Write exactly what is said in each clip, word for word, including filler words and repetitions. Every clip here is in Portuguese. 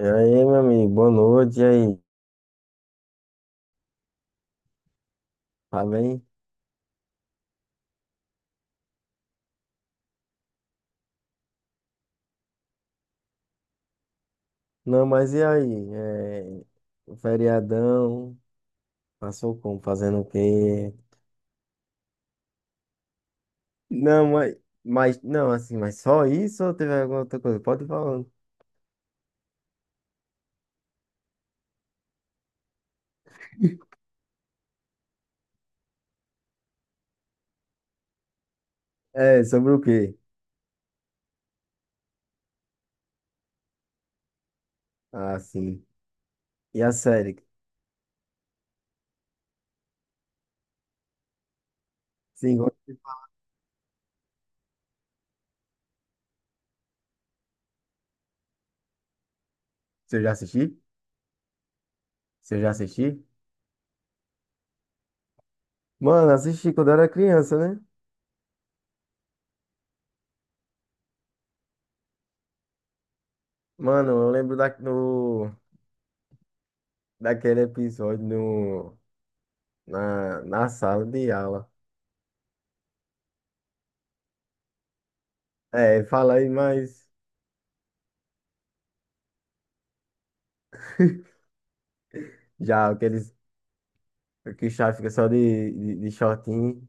E aí, meu amigo, boa noite. E aí, tá bem? Não, mas e aí? É, o feriadão, passou como? Fazendo o quê? Não, mas, mas, não, assim, mas só isso ou teve alguma outra coisa? Pode ir falando. É, sobre o quê? Ah, sim. E a série? Sim, gosto de- Você já assistiu? Você já assistiu? Mano, assisti quando eu era criança, né? Mano, eu lembro da, no, daquele episódio no, na, na sala de aula. É, fala aí mais. Já aqueles que o chaves fica só de, de, de shortinho,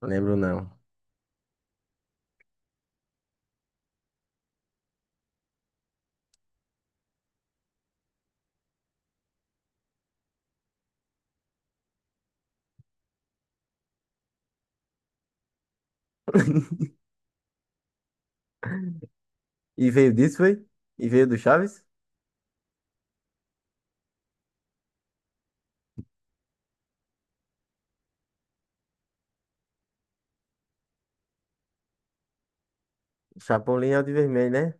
não lembro não. E veio disso, foi? E veio do Chaves? Chapolin é o de vermelho, né?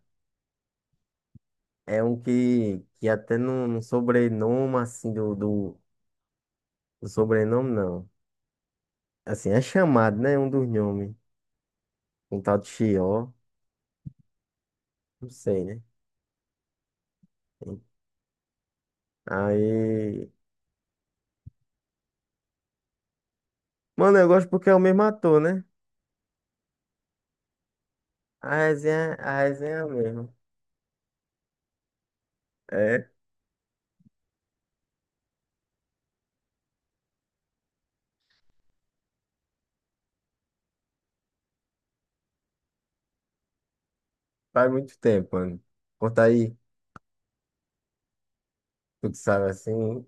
É um que, que até no, no sobrenome, assim, do, do, do sobrenome, não. Assim, é chamado, né? Um dos nomes. Um tal de Chió, não sei, né? Aí. Mano, eu gosto porque é o mesmo ator, né? A resenha, a resenha é a mesma. É, faz muito tempo, mano. Conta aí, tu que sabe assim.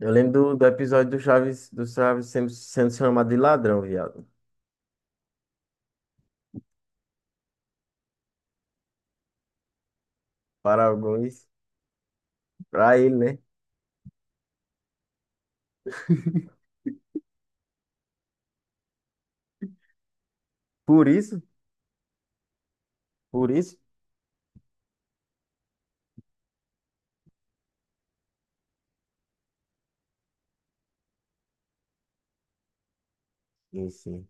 Eu lembro do, do episódio do Chaves, do Chaves sendo, sendo chamado de ladrão, viado. Para alguns, para ele, né? Por isso, por isso, sim, sim.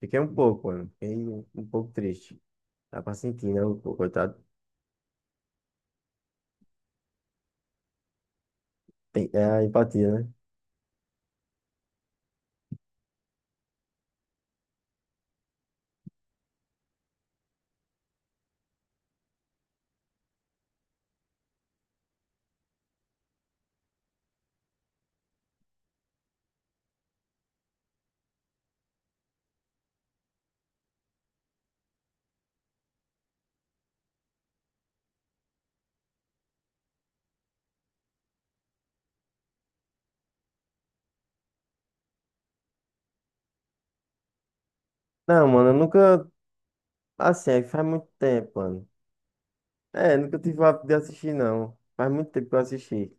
Fiquei um pouco, mano. Fiquei um um pouco triste. Dá pra sentir, né? O o coitado tem é a empatia, né? Não, mano, eu nunca. Assim, é faz muito tempo, mano. É, nunca tive o hábito de assistir, não. Faz muito tempo que eu assisti.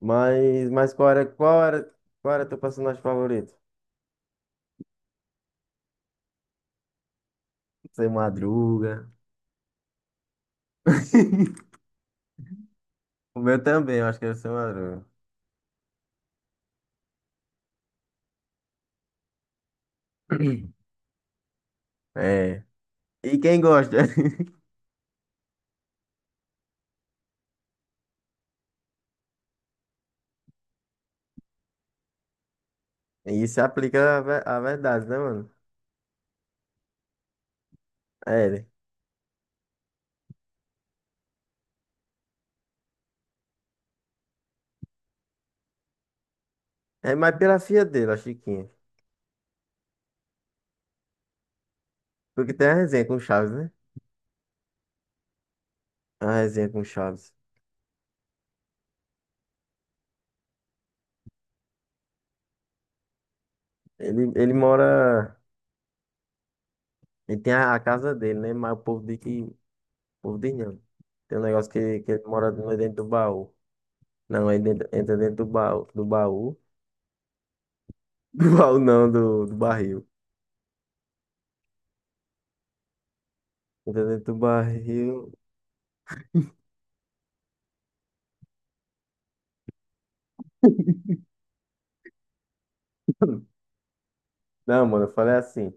Mas, mas qual era, qual era, qual era teu personagem favorito? Seu Madruga. O meu também, eu acho que era o Seu Madruga. É. E quem gosta? Isso aplica a, ve- a verdade, né, mano? É ele. É mais pela filha dele, a Chiquinha. Porque tem a resenha com o Chaves, né? A resenha com o Chaves. Ele, ele mora. Ele tem a, a casa dele, né? Mas o povo diz que. O povo diz não. Tem um negócio que, que ele mora no- dentro do baú. Não, ele dentro- entra dentro do baú. Do baú. Do baú não, do, do barril. Entra dentro do barril. Não, mano, eu falei assim.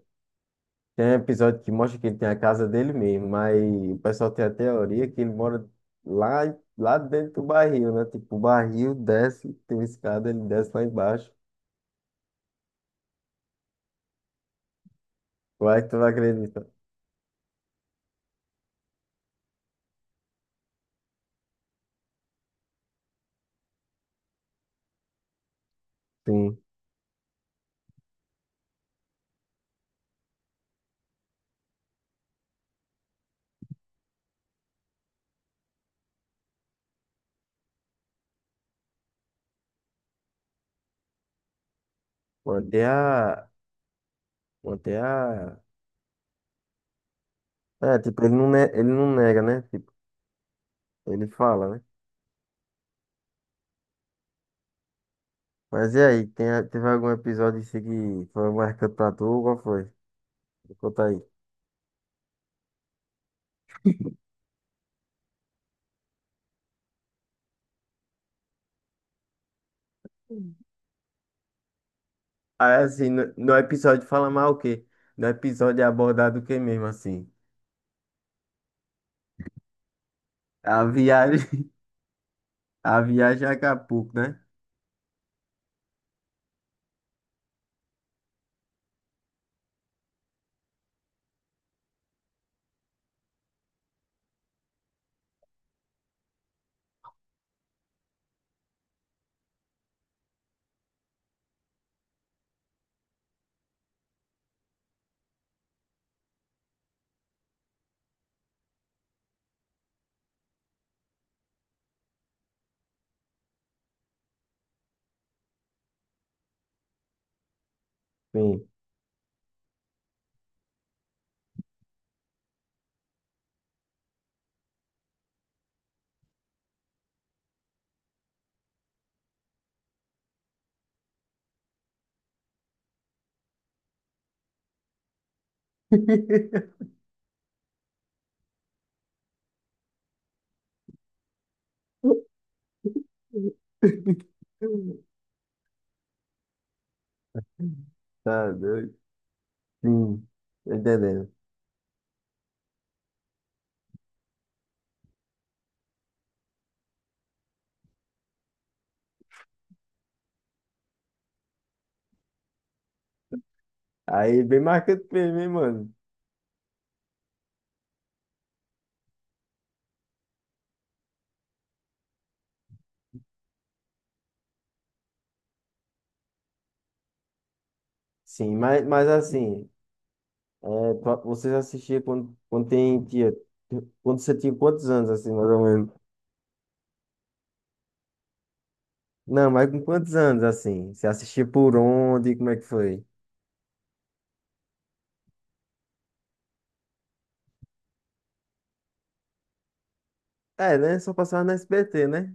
Tem um episódio que mostra que ele tem a casa dele mesmo, mas o pessoal tem a teoria que ele mora lá, lá dentro do barril, né? Tipo, o barril desce, tem uma escada, ele desce lá embaixo. Vai que tu não acredita. Sim. Manter a. Manter a. É, tipo, ele não, ne... ele não nega, né? Tipo, ele fala, né? Mas e aí, tem... a- teve algum episódio assim que foi marcante pra tu? Qual foi? Me conta aí. Aí, assim, no, no episódio fala mais o quê? No episódio é abordado o quê mesmo, assim? A viagem. A viagem a Acapulco, né? Sim. Tá doido. Sim, tô entendendo. Aí, bem marcante mesmo, hein, mano? Sim, mas, mas assim, é, pra- vocês assistiam quando, quando tem, tinha, quando você tinha quantos anos, assim, mais ou menos? Não, mas com quantos anos, assim? Você assistia por onde? Como é que foi? É, né? Só passava na S B T, né?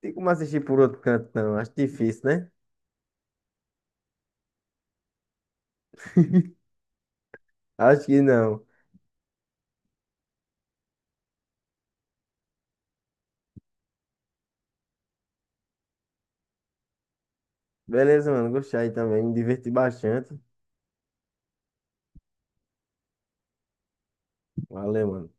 Tem como assistir por outro canto, não. Acho difícil, né? Acho que não. Beleza, mano. Gostei também. Me diverti bastante. Valeu, mano.